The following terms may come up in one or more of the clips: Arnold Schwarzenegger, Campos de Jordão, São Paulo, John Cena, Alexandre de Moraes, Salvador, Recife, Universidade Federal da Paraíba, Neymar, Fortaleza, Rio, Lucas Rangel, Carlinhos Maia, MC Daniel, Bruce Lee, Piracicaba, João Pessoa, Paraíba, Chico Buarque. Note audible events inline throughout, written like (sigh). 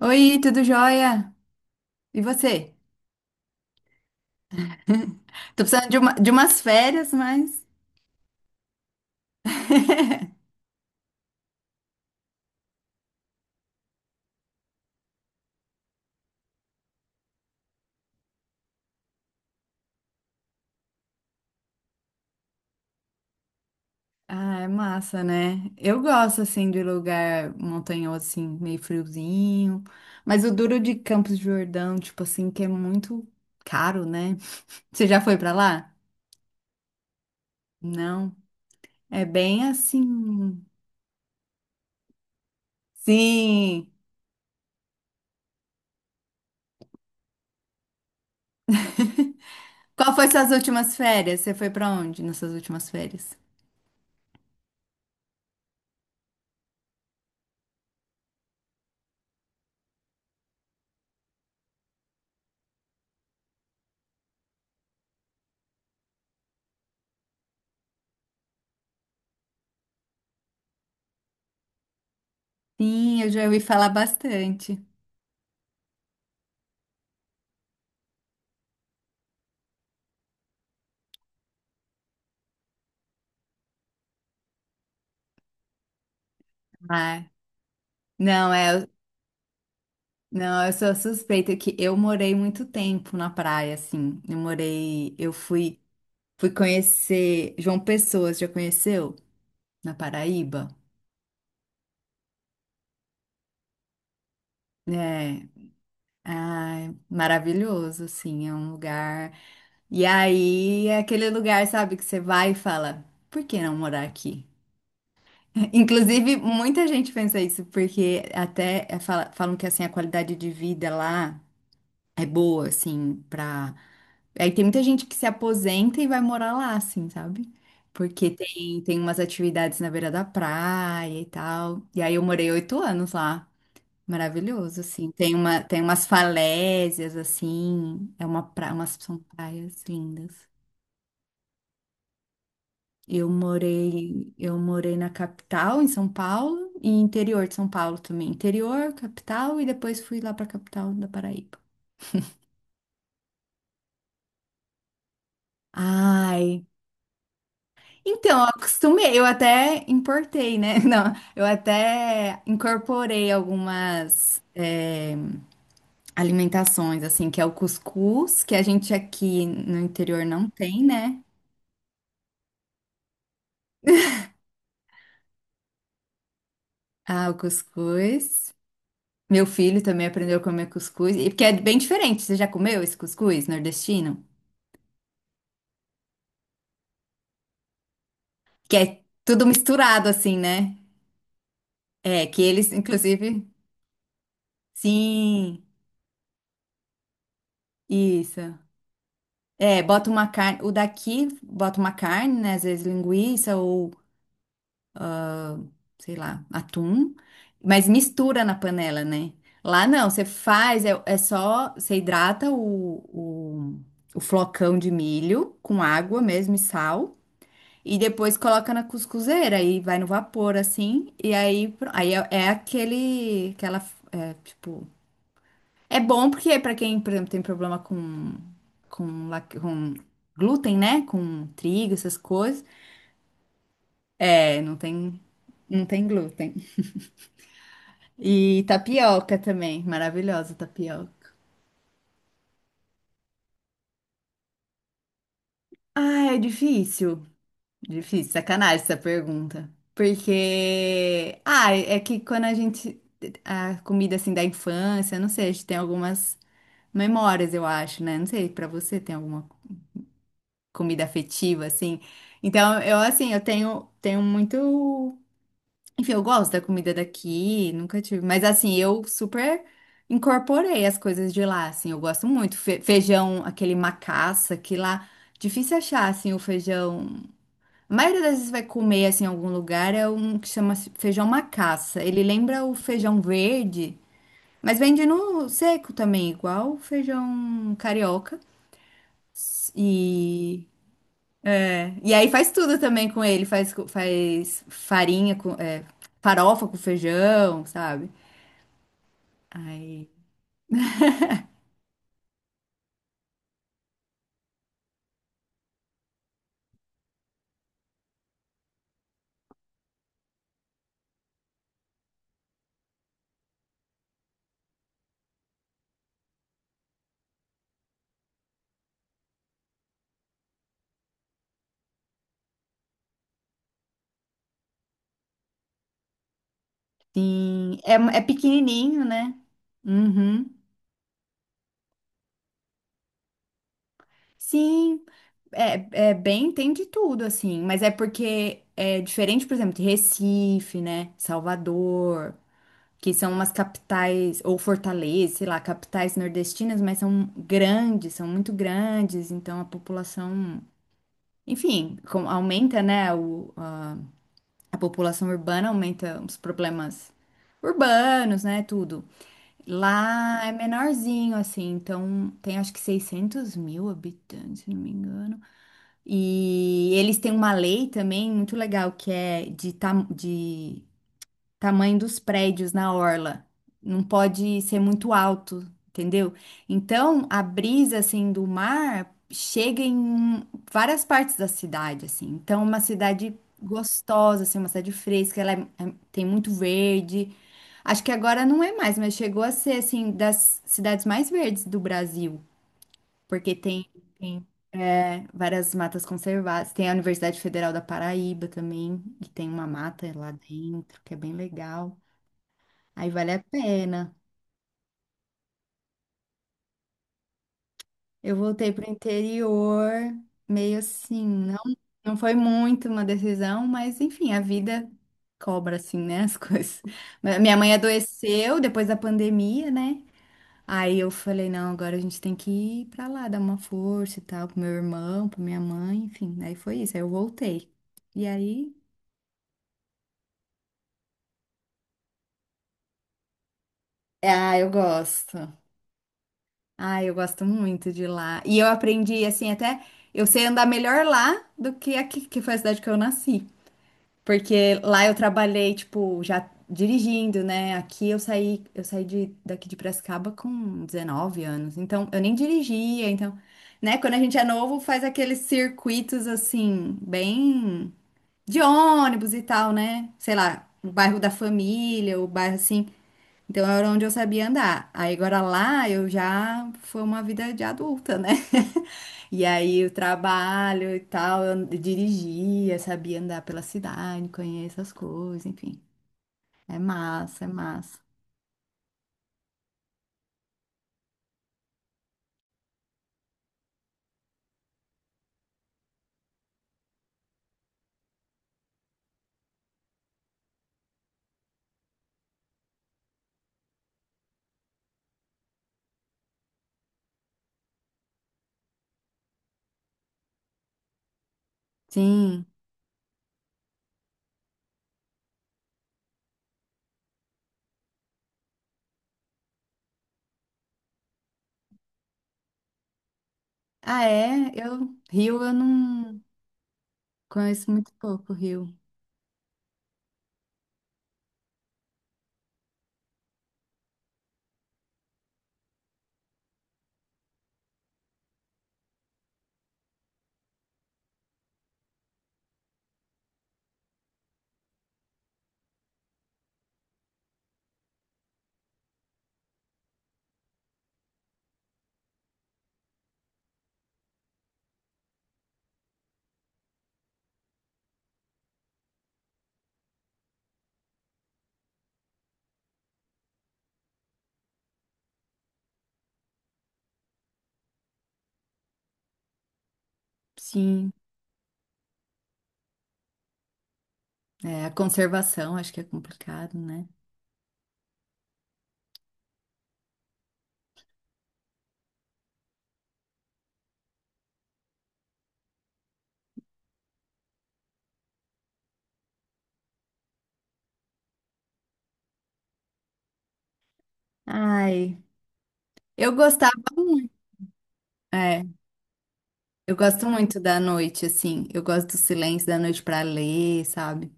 Oi, tudo jóia? E você? (laughs) Tô precisando de, uma- de umas férias, mas. (laughs) Ah, é massa, né? Eu gosto, assim, de lugar montanhoso, assim, meio friozinho. Mas o duro de Campos de Jordão, tipo assim, que é muito caro, né? Você já foi pra lá? Não. É bem assim. Sim. Qual foi suas últimas férias? Você foi pra onde nessas últimas férias? Sim, eu já ouvi falar bastante. Ah, não, é. Não, eu sou suspeita que eu morei muito tempo na praia, assim. Eu morei, eu fui, fui conhecer João Pessoa, você já conheceu? Na Paraíba. É, ai, maravilhoso, assim, é um lugar. E aí é aquele lugar, sabe, que você vai e fala, por que não morar aqui? (laughs) Inclusive, muita gente pensa isso, porque até é, falam que assim a qualidade de vida lá é boa, assim, para. Aí tem muita gente que se aposenta e vai morar lá, assim, sabe? Porque tem umas atividades na beira da praia e tal. E aí eu morei 8 anos lá. Maravilhoso, assim. Tem umas falésias, assim. É umas são praias lindas. Eu morei na capital, em São Paulo, e interior de São Paulo também. Interior, capital, e depois fui lá pra capital da Paraíba. Ai, então, eu acostumei, eu até importei, né? (laughs) Não, eu até incorporei algumas alimentações, assim, que é o cuscuz, que a gente aqui no interior não tem, né? Ah, o cuscuz. Meu filho também aprendeu a comer cuscuz, e porque é bem diferente. Você já comeu esse cuscuz nordestino? Que é tudo misturado, assim, né? É, que eles, inclusive. Sim, isso. É, bota uma carne, o daqui bota uma carne, né? Às vezes linguiça ou, sei lá, atum, mas mistura na panela, né? Lá não, você faz, é, é só, você hidrata o flocão de milho com água mesmo e sal, e depois coloca na cuscuzeira e vai no vapor assim, e aí, aí é, é aquela, é, tipo, é bom porque para quem, por exemplo, tem problema com glúten, né? Com trigo, essas coisas. É, não não tem glúten. E tapioca também, maravilhosa tapioca. Ah, é difícil. Difícil, sacanagem essa pergunta. Porque, ah, é que quando a gente, a comida assim da infância, não sei, a gente tem algumas memórias, eu acho, né? Não sei, pra você tem alguma comida afetiva, assim. Então, eu, assim, eu tenho muito. Enfim, eu gosto da comida daqui, nunca tive. Mas, assim, eu super incorporei as coisas de lá, assim. Eu gosto muito. Feijão, aquele macaça, que lá. Difícil achar, assim, o feijão. A maioria das vezes vai comer, assim, em algum lugar, é um que chama feijão macaça. Ele lembra o feijão verde, mas vende no seco também, igual o feijão carioca. E E aí faz tudo também com ele, faz farinha com farofa com feijão, sabe? Aí, sim, é, é pequenininho, né? Uhum. Sim, é, é bem, tem de tudo, assim, mas é porque é diferente, por exemplo, de Recife, né? Salvador, que são umas capitais, ou Fortaleza, sei lá, capitais nordestinas, mas são grandes, são muito grandes, então a população, enfim, aumenta, né, a população urbana aumenta os problemas urbanos, né? Tudo. Lá é menorzinho, assim, então tem acho que 600 mil habitantes, se não me engano. E eles têm uma lei também muito legal que é de, de tamanho dos prédios na orla. Não pode ser muito alto, entendeu? Então, a brisa assim do mar chega em várias partes da cidade assim. Então, uma cidade gostosa, assim, uma cidade fresca, ela tem muito verde. Acho que agora não é mais, mas chegou a ser assim das cidades mais verdes do Brasil, porque tem é, várias matas conservadas. Tem a Universidade Federal da Paraíba também, que tem uma mata lá dentro, que é bem legal. Aí vale a pena. Eu voltei pro interior, meio assim, não, não foi muito uma decisão, mas enfim, a vida cobra assim, né, (laughs) as coisas. Mas minha mãe adoeceu depois da pandemia, né? Aí eu falei, não, agora a gente tem que ir pra lá, dar uma força e tal, pro meu irmão, pra minha mãe, enfim. Aí foi isso, aí eu voltei. E aí, ah, eu gosto. Ah, eu gosto muito de lá. E eu aprendi, assim, até eu sei andar melhor lá do que aqui, que foi a cidade que eu nasci. Porque lá eu trabalhei, tipo, já dirigindo, né? Aqui eu saí, daqui de Piracicaba com 19 anos. Então, eu nem dirigia, então, né? Quando a gente é novo, faz aqueles circuitos assim, bem de ônibus e tal, né? Sei lá, o bairro da família, o bairro assim. Então era onde eu sabia andar. Aí agora lá eu já foi uma vida de adulta, né? (laughs) E aí o trabalho e tal, eu dirigia, sabia andar pela cidade, conheço as coisas, enfim. É massa, é massa. Sim. Ah, é? Eu, Rio eu não conheço muito pouco, Rio. Sim. É, a conservação acho que é complicado, né? Ai, eu gostava muito. É. Eu gosto muito da noite, assim. Eu gosto do silêncio da noite pra ler, sabe?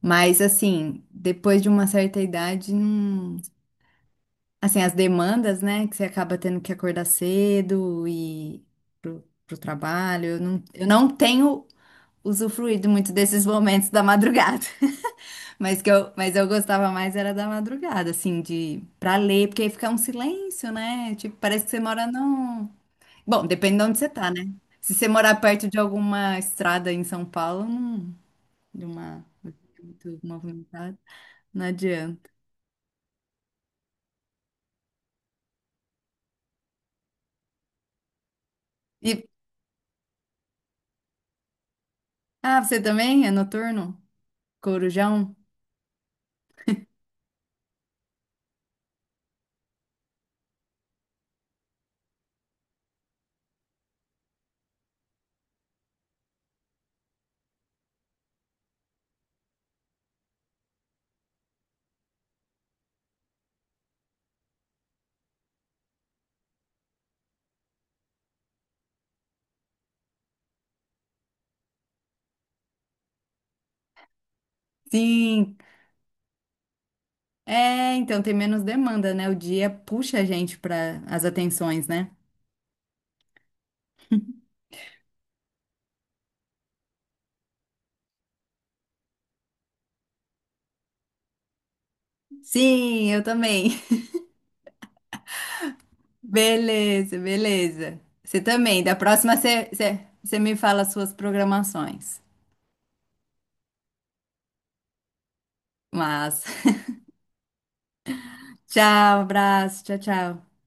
Mas, assim, depois de uma certa idade, não... assim, as demandas, né? Que você acaba tendo que acordar cedo e pro, pro trabalho. Eu não tenho usufruído muito desses momentos da madrugada. (laughs) Mas que eu, mas eu gostava mais era da madrugada, assim, de pra ler, porque aí fica um silêncio, né? Tipo, parece que você mora num. Bom, depende de onde você tá, né? Se você morar perto de alguma estrada em São Paulo, de uma muito movimentada, não adianta. E ah, você também é noturno? Corujão? Sim. É, então tem menos demanda, né? O dia puxa a gente para as atenções, né? Sim, eu também. (laughs) Beleza, beleza. Você também. Da próxima você me fala as suas programações. Mas, (laughs) tchau, abraço, tchau, tchau.